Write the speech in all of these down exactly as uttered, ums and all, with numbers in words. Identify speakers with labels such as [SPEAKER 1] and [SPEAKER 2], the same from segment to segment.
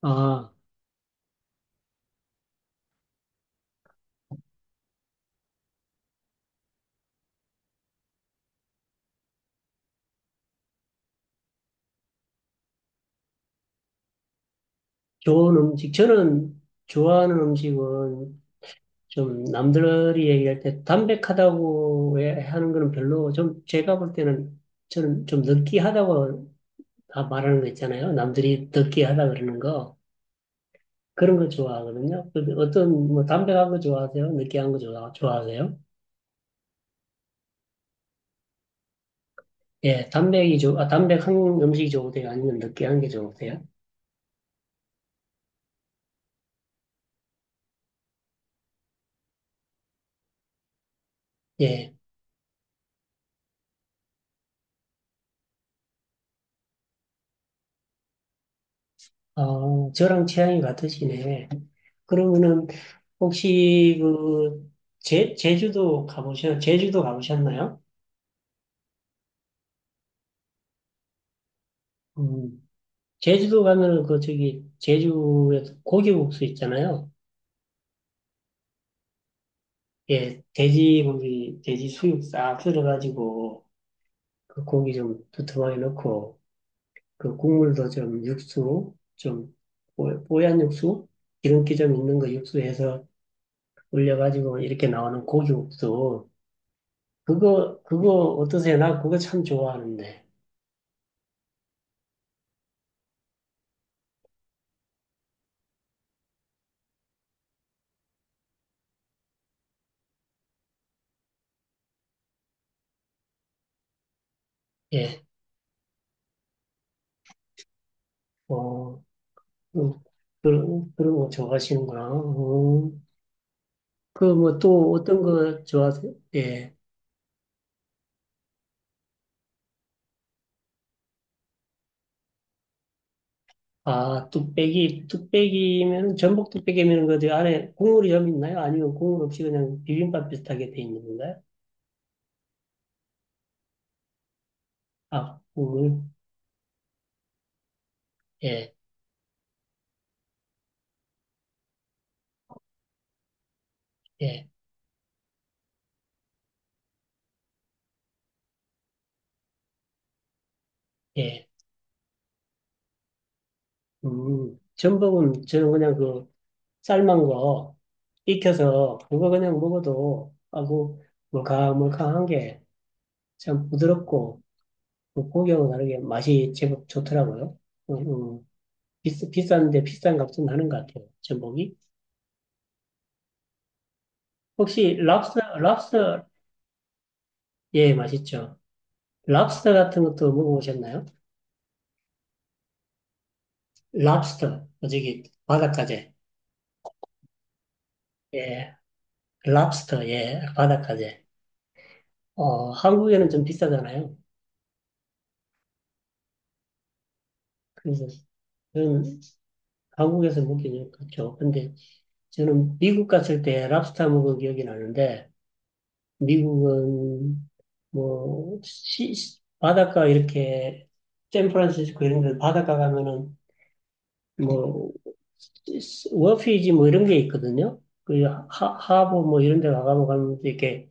[SPEAKER 1] 아, 좋은 음식. 저는 좋아하는 음식은 좀 남들이 얘기할 때 담백하다고 해- 하는 거는 별로 좀 제가 볼 때는 저는 좀 느끼하다고 다 말하는 거 있잖아요. 남들이 느끼하다 그러는 거. 그런 거 좋아하거든요. 그 어떤 뭐 담백한 거 좋아하세요? 느끼한 거 좋아, 좋아하세요? 예, 담백이 좋, 아, 담백한 음식이 좋으세요? 아니면 느끼한 게 좋으세요? 예. 어, 저랑 취향이 같으시네. 그러면은 혹시 그 제, 제주도 가보셨, 제주도 가보셨나요? 음, 제주도 가면은 그 저기 제주에서 고기국수 있잖아요. 예, 돼지 고기, 돼지 수육 싹 썰어가지고 그 고기 좀 두툼하게 넣고 그 국물도 좀 육수 좀 뽀- 뽀얀 육수 기름기 좀 있는 거 육수해서 올려가지고 이렇게 나오는 고기국수 그거, 그거 어떠세요? 나 그거 참 좋아하는데. 예, 어, 음, 그런, 그런 거 좋아하시는구나. 어, 그뭐 또 어떤 거 좋아하세요? 예. 아, 뚝배기, 뚝배기면, 전복 뚝배기면 그 안에 국물이 좀 있나요? 아니면 국물 없이 그냥 비빔밥 비슷하게 돼 있는 건가요? 아, 국물? 예, 예, 예. 음, 전복은 저는 그냥 그 삶은 거 익혀서 그거 그냥 먹어도, 아고, 물캉물캉한 게 참 부드럽고 그 고기하고 다르게 맛이 제법 좋더라고요. 음, 음. 비싸, 비싼데 비싼 값은 하는 것 같아요. 전복이. 혹시 랍스터, 랍스터, 예, 맛있죠. 랍스터 같은 것도 먹어보셨나요? 랍스터, 어, 저기 바닷가재. 예, 랍스터, 예, 바닷가재. 어, 한국에는 좀 비싸잖아요. 그래서 저는 한국에서 먹기는 그렇죠. 근데 저는 미국 갔을 때 랍스터 먹은 기억이 나는데 미국은 뭐 시- 시- 바닷가 이렇게 샌프란시스코 이런 데 바닷가 가면은 뭐 시- 워피지 뭐 이런 게 있거든요. 그 하, 하버 뭐 이런 데 가가면 가면 또 이렇게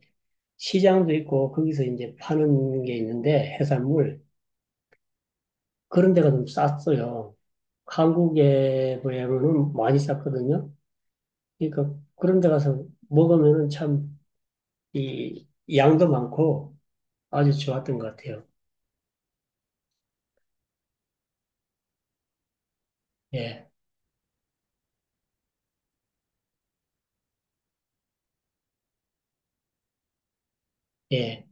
[SPEAKER 1] 시장도 있고 거기서 이제 파는 게 있는데 해산물 그런 데가 좀 쌌어요. 한국에 비하면은 많이 쌌거든요. 그러니까 그런 데 가서 먹으면은 참 이 양도 많고 아주 좋았던 것 같아요. 예. 예,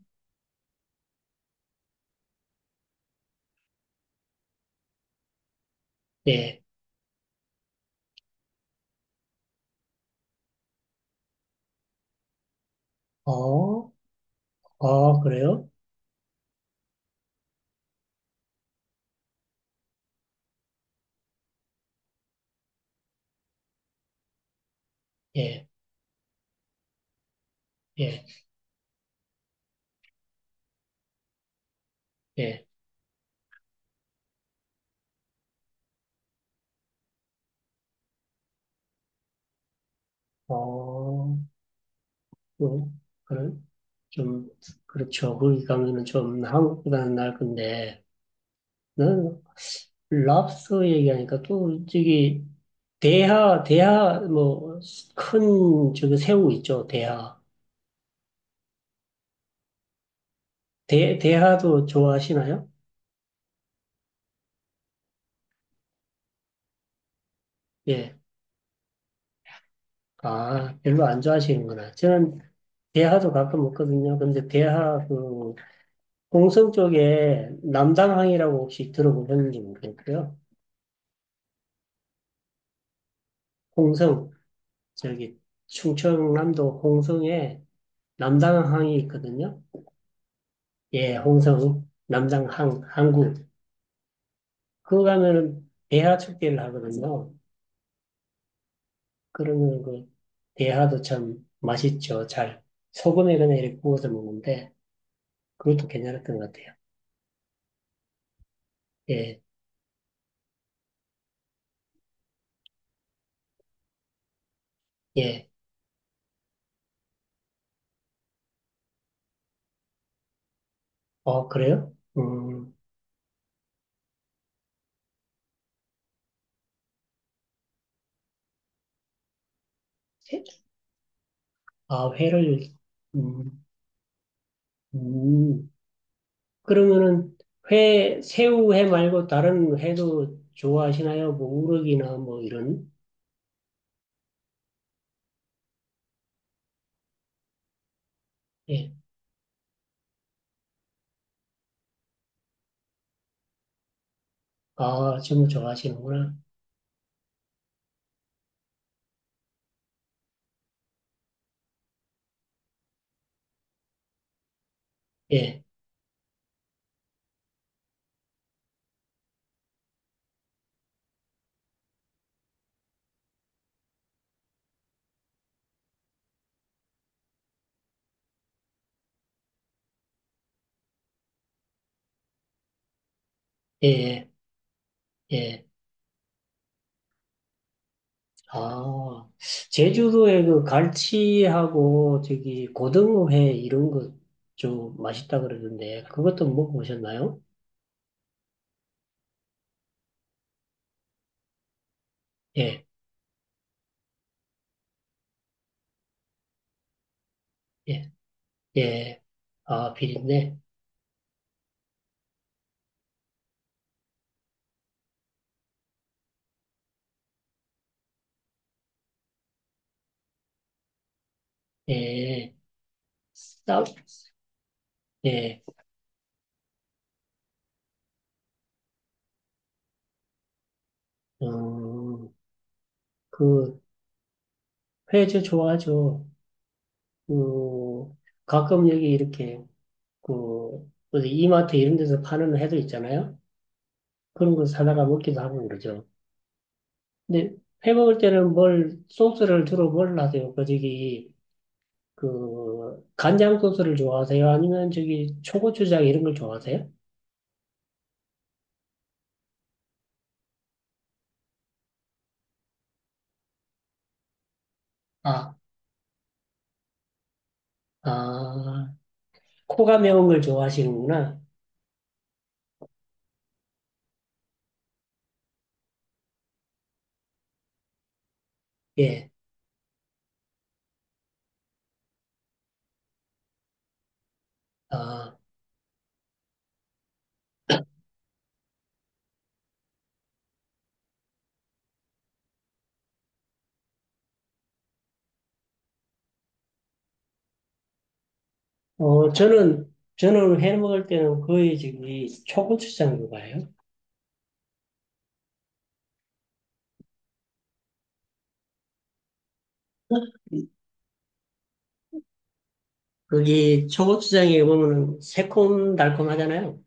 [SPEAKER 1] 예, 어, 어, 그래요? 예, 예, 예, 어, 그, 그 좀, 그렇죠. 거기 가면은 좀 한국보다는 나을 건데, 나는 랍스터 얘기하니까 또 저기, 대하, 대하, 뭐, 큰, 저기 새우 있죠, 대하. 대, 대하도 좋아하시나요? 예, 아, 별로 안 좋아하시는구나. 저는 대하도 가끔 먹거든요. 근데 대하 그, 홍성 쪽에 남당항이라고 혹시 들어보셨는지 모르겠고요. 홍성 저기 충청남도 홍성에 남당항이 있거든요. 예, 홍성, 남당항, 항구. 그거 가면은 대하 축제를 하거든요. 그러면 그 대하도 참 맛있죠. 잘 소금에 그냥 이렇게 구워서 먹는데 그것도 괜찮았던 것 같아요. 예, 예. 어, 그래요? 음, 회? 아, 회를, 음, 음. 그러면은 회, 새우회 말고 다른 회도 좋아하시나요? 뭐 우럭이나 뭐 이런? 예. 아, 전부 좋아하시는구나. 예, 예, 예. 예. 아, 제주도에 그 갈치하고 저기 고등어회 이런 거 좀 맛있다 그러던데 그것도 먹어보셨나요? 예, 예, 예. 아, 비린내. 예, 쌉. 예, 음, 그 회저 좋아하죠. 그, 가끔 여기 이렇게, 그, 어디 이마트 이런 데서 파는 해도 있잖아요? 그런 거 사다가 먹기도 하고 그러죠. 근데 해 먹을 때는 뭘, 소스를 주로 뭘 하세요? 그, 저기, 그, 간장 소스를 좋아하세요? 아니면 저기, 초고추장 이런 걸 좋아하세요? 아, 아, 코가 매운 걸 좋아하시는구나. 예. 아, 어, 저는, 저는 해 먹을 때는 거의 저기, 초고추장좋아해요 거기 초고추장에 보면은 새콤달콤하잖아요.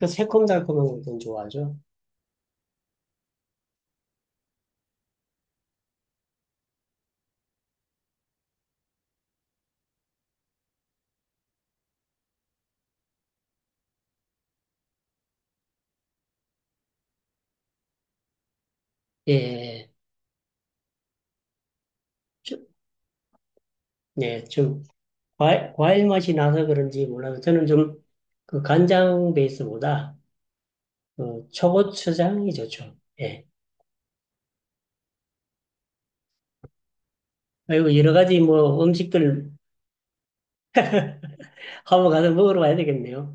[SPEAKER 1] 그 새콤달콤한 걸 좀 좋아하죠. 예, 좀, 네, 좀 과일, 과일 맛이 나서 그런지 몰라도 저는 좀 그 간장 베이스보다 그 초고추장이 좋죠. 예. 그리고 여러 가지 뭐 음식들 하고 가서 먹으러 가야 되겠네요.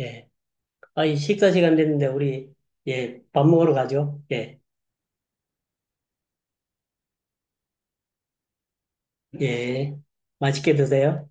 [SPEAKER 1] 예. 아, 이 식사 시간 됐는데 우리 예, 밥 먹으러 가죠. 예, 예. 맛있게 드세요.